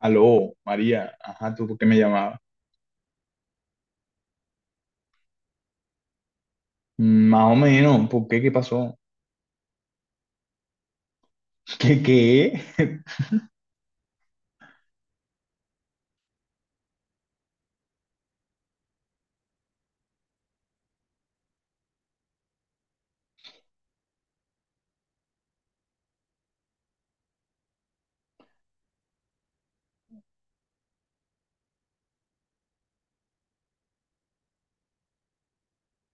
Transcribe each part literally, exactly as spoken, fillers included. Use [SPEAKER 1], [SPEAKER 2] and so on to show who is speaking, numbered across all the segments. [SPEAKER 1] Aló, María, ajá, ¿tú por qué me llamabas? Mm, más o menos, ¿por qué? ¿Qué pasó? ¿Qué qué?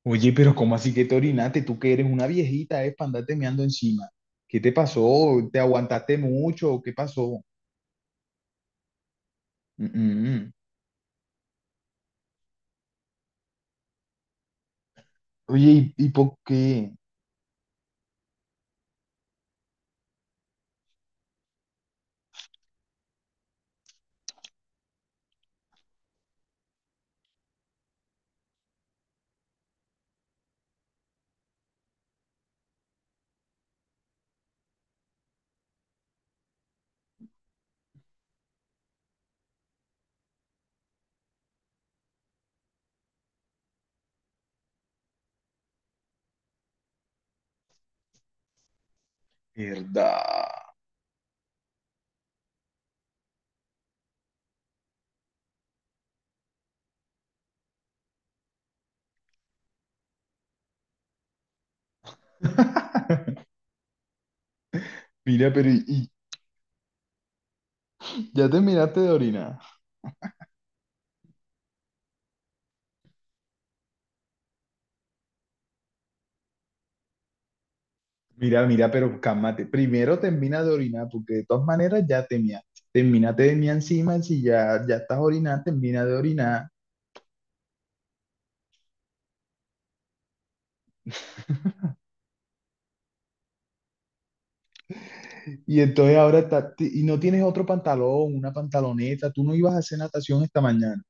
[SPEAKER 1] Oye, pero ¿cómo así que te orinaste? Tú que eres una viejita, es para andarte meando encima. ¿Qué te pasó? ¿Te aguantaste mucho? ¿Qué pasó? Mm, mm. Oye, ¿y, y por qué? ¿Verdad? Mira, pero ¿y, y ya terminaste de orinar? Mira, mira, pero cálmate. Primero termina de orinar, porque de todas maneras ya te mea. Termínate de mea encima, si ya, ya estás orinando, termina de orinar. Y entonces ahora ta- ti- y no tienes otro pantalón, una pantaloneta, ¿tú no ibas a hacer natación esta mañana?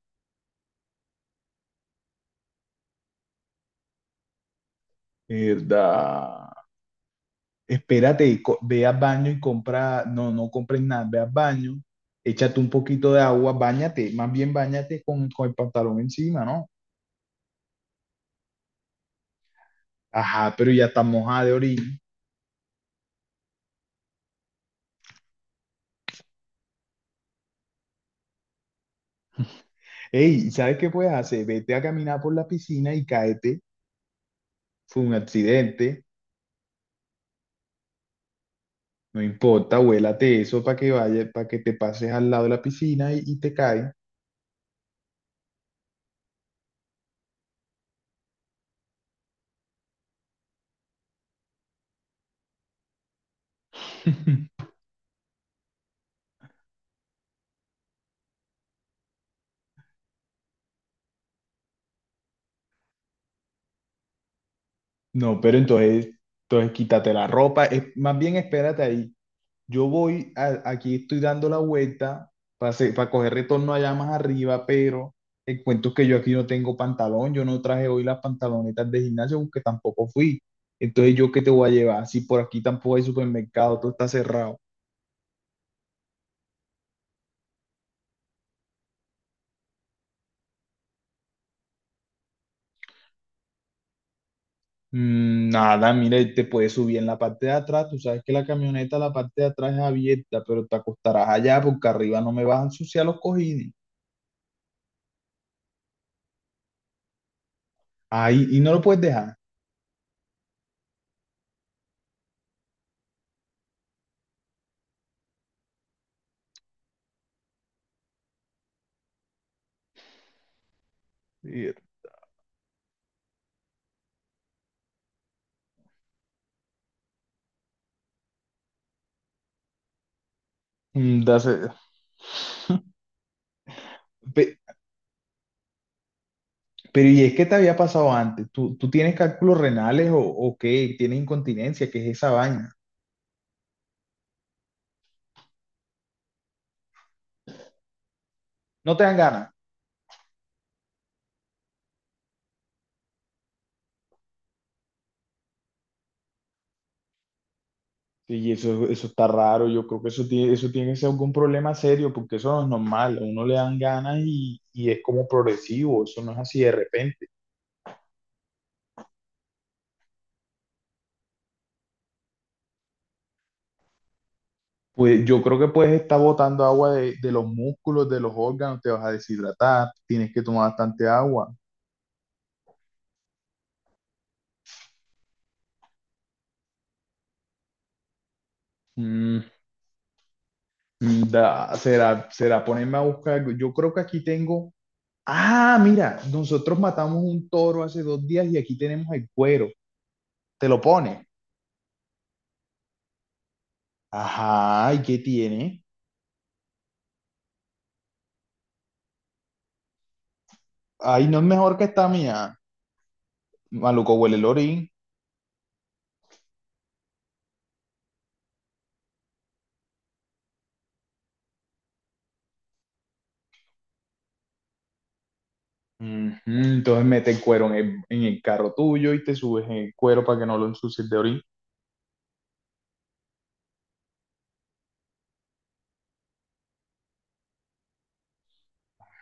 [SPEAKER 1] Verdad. Espérate, co- ve al baño y compra, no, no compres nada, ve al baño, échate un poquito de agua, báñate, más bien báñate con, con el pantalón encima, ¿no? Ajá, pero ya está mojada de orina. Ey, ¿sabes qué puedes hacer? Vete a caminar por la piscina y cáete, fue un accidente, no importa, huélate eso para que vaya, para que te pases al lado de la piscina y, y te caes. No, pero entonces, entonces quítate la ropa. Es, más bien espérate ahí. Yo voy, a- aquí estoy dando la vuelta para, para coger retorno allá más arriba, pero el cuento es que yo aquí no tengo pantalón. Yo no traje hoy las pantalonetas de gimnasio porque tampoco fui. Entonces, ¿yo qué te voy a llevar? Si por aquí tampoco hay supermercado, todo está cerrado. Mm, nada, mire, te puedes subir en la parte de atrás. Tú sabes que la camioneta, la parte de atrás es abierta, pero te acostarás allá porque arriba no me vas a ensuciar los cojines. Ahí, ¿y no lo puedes dejar? Sí, mm, das- pe- pero ¿y es que te había pasado antes? ¿Tú, tú tienes cálculos renales o, o qué? ¿Tienes incontinencia? ¿Qué es esa vaina? ¿No te dan ganas? Sí, eso, eso está raro. Yo creo que eso tiene, eso tiene que ser algún problema serio porque eso no es normal. A uno le dan ganas y, y es como progresivo. Eso no es así de repente. Pues yo creo que puedes estar botando agua de, de los músculos, de los órganos, te vas a deshidratar, tienes que tomar bastante agua. Mm, da- será, será ponerme a buscar algo. Yo creo que aquí tengo. Ah, mira, nosotros matamos un toro hace dos días y aquí tenemos el cuero. ¿Te lo pones? Ajá, ¿y qué tiene? Ay, no es mejor que esta mía. Maluco huele el orín. Ujú. Entonces mete el cuero en el, en el carro tuyo y te subes en el cuero para que no lo ensucies de orín.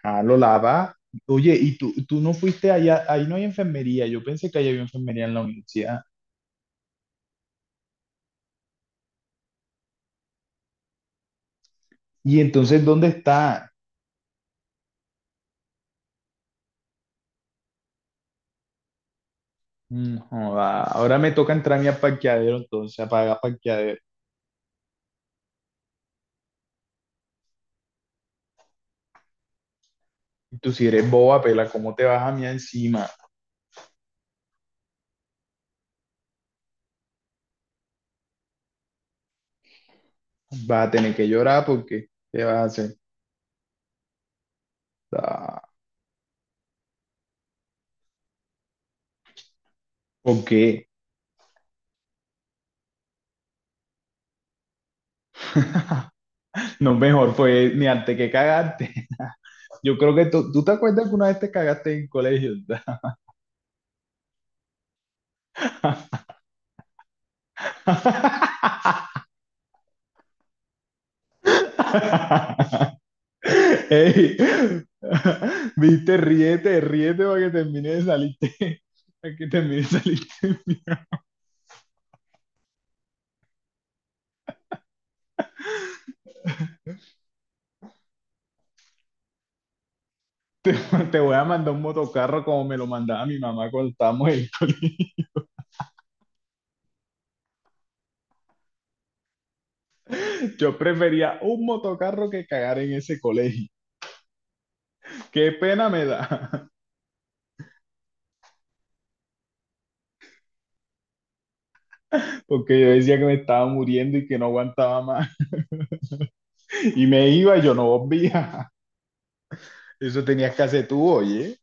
[SPEAKER 1] Ah, lo lava. Oye, ¿y tú, tú no fuiste allá? Ahí no hay enfermería. Yo pensé que ahí había enfermería en la universidad. ¿Y entonces dónde está? Mm, joda. Ahora me toca entrar a mi parqueadero, entonces apaga parqueadero. Tú si eres boba, pela, ¿cómo te vas a mí encima? Vas a tener que llorar porque te vas a hacer. Ah. ¿Por qué? No, mejor pues ni antes que cagarte. Yo creo que tú, ¿tú te acuerdas que una vez te cagaste en colegio? Ey, viste, ríete, ríete para que termine de salirte, para que termine de salirte. Te, te voy a mandar un motocarro como me lo mandaba mi mamá cuando estábamos en… Yo prefería un motocarro que cagar en ese colegio. Qué pena me da. Porque yo decía que me estaba muriendo y que no aguantaba más. Y me iba y yo no volvía. Eso tenías que hacer tú, oye.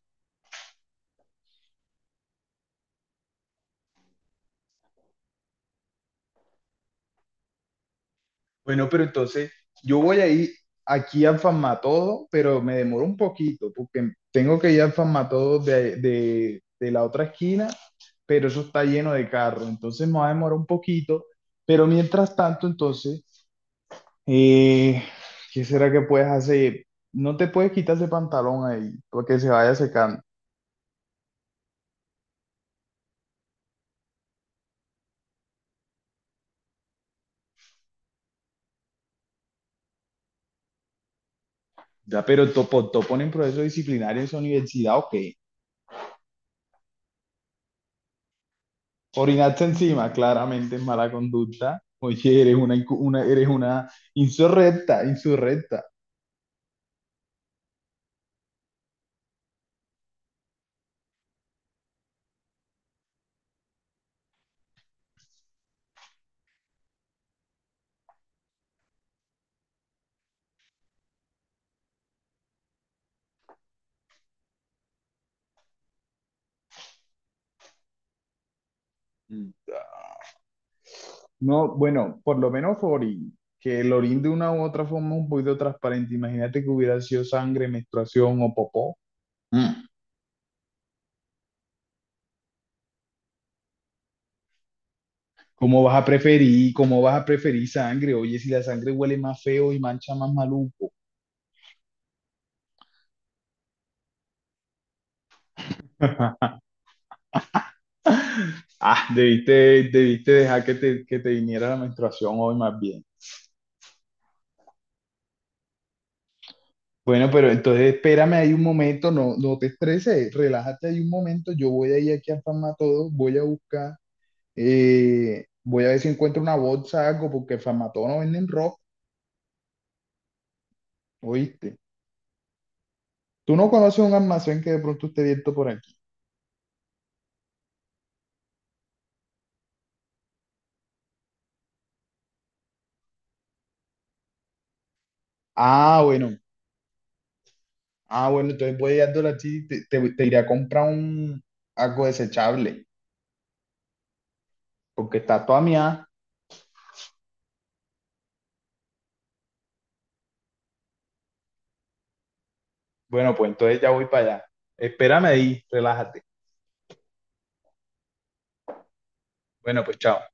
[SPEAKER 1] Bueno, pero entonces yo voy a ir aquí al Farmatodo, pero me demoro un poquito porque tengo que ir al Farmatodo de, de, de la otra esquina, pero eso está lleno de carros, entonces me va a demorar un poquito. Pero mientras tanto, entonces, eh, ¿qué será que puedes hacer? No te puedes quitar ese pantalón ahí porque se vaya secando. Ya, pero topo, topo en proceso disciplinario en su universidad, ok. Orinaste encima, claramente es mala conducta. Oye, eres una, incu- una, eres una insurrecta, insurrecta. Mm. No, bueno, por lo menos fue orín, que el orín de una u otra forma es un poquito transparente. Imagínate que hubiera sido sangre, menstruación o popó. ¿Cómo vas a preferir, cómo vas a preferir sangre? Oye, si la sangre huele más feo y mancha más maluco. Ah, debiste, debiste dejar que te, que te viniera la menstruación hoy más bien. Bueno, pero entonces espérame ahí un momento, no, no te estreses, relájate ahí un momento, yo voy a ir aquí a Famatodo, voy a buscar, eh, voy a ver si encuentro una bolsa, algo, porque Famatodo no venden ropa, ¿oíste? Tú no conoces un almacén que de pronto esté abierto por aquí. Ah, bueno. Ah, bueno, entonces voy a ir así, te, te, te iré a comprar un, algo desechable, porque está toda mía. Bueno, pues entonces ya voy para allá. Espérame ahí, relájate. Bueno, pues chao.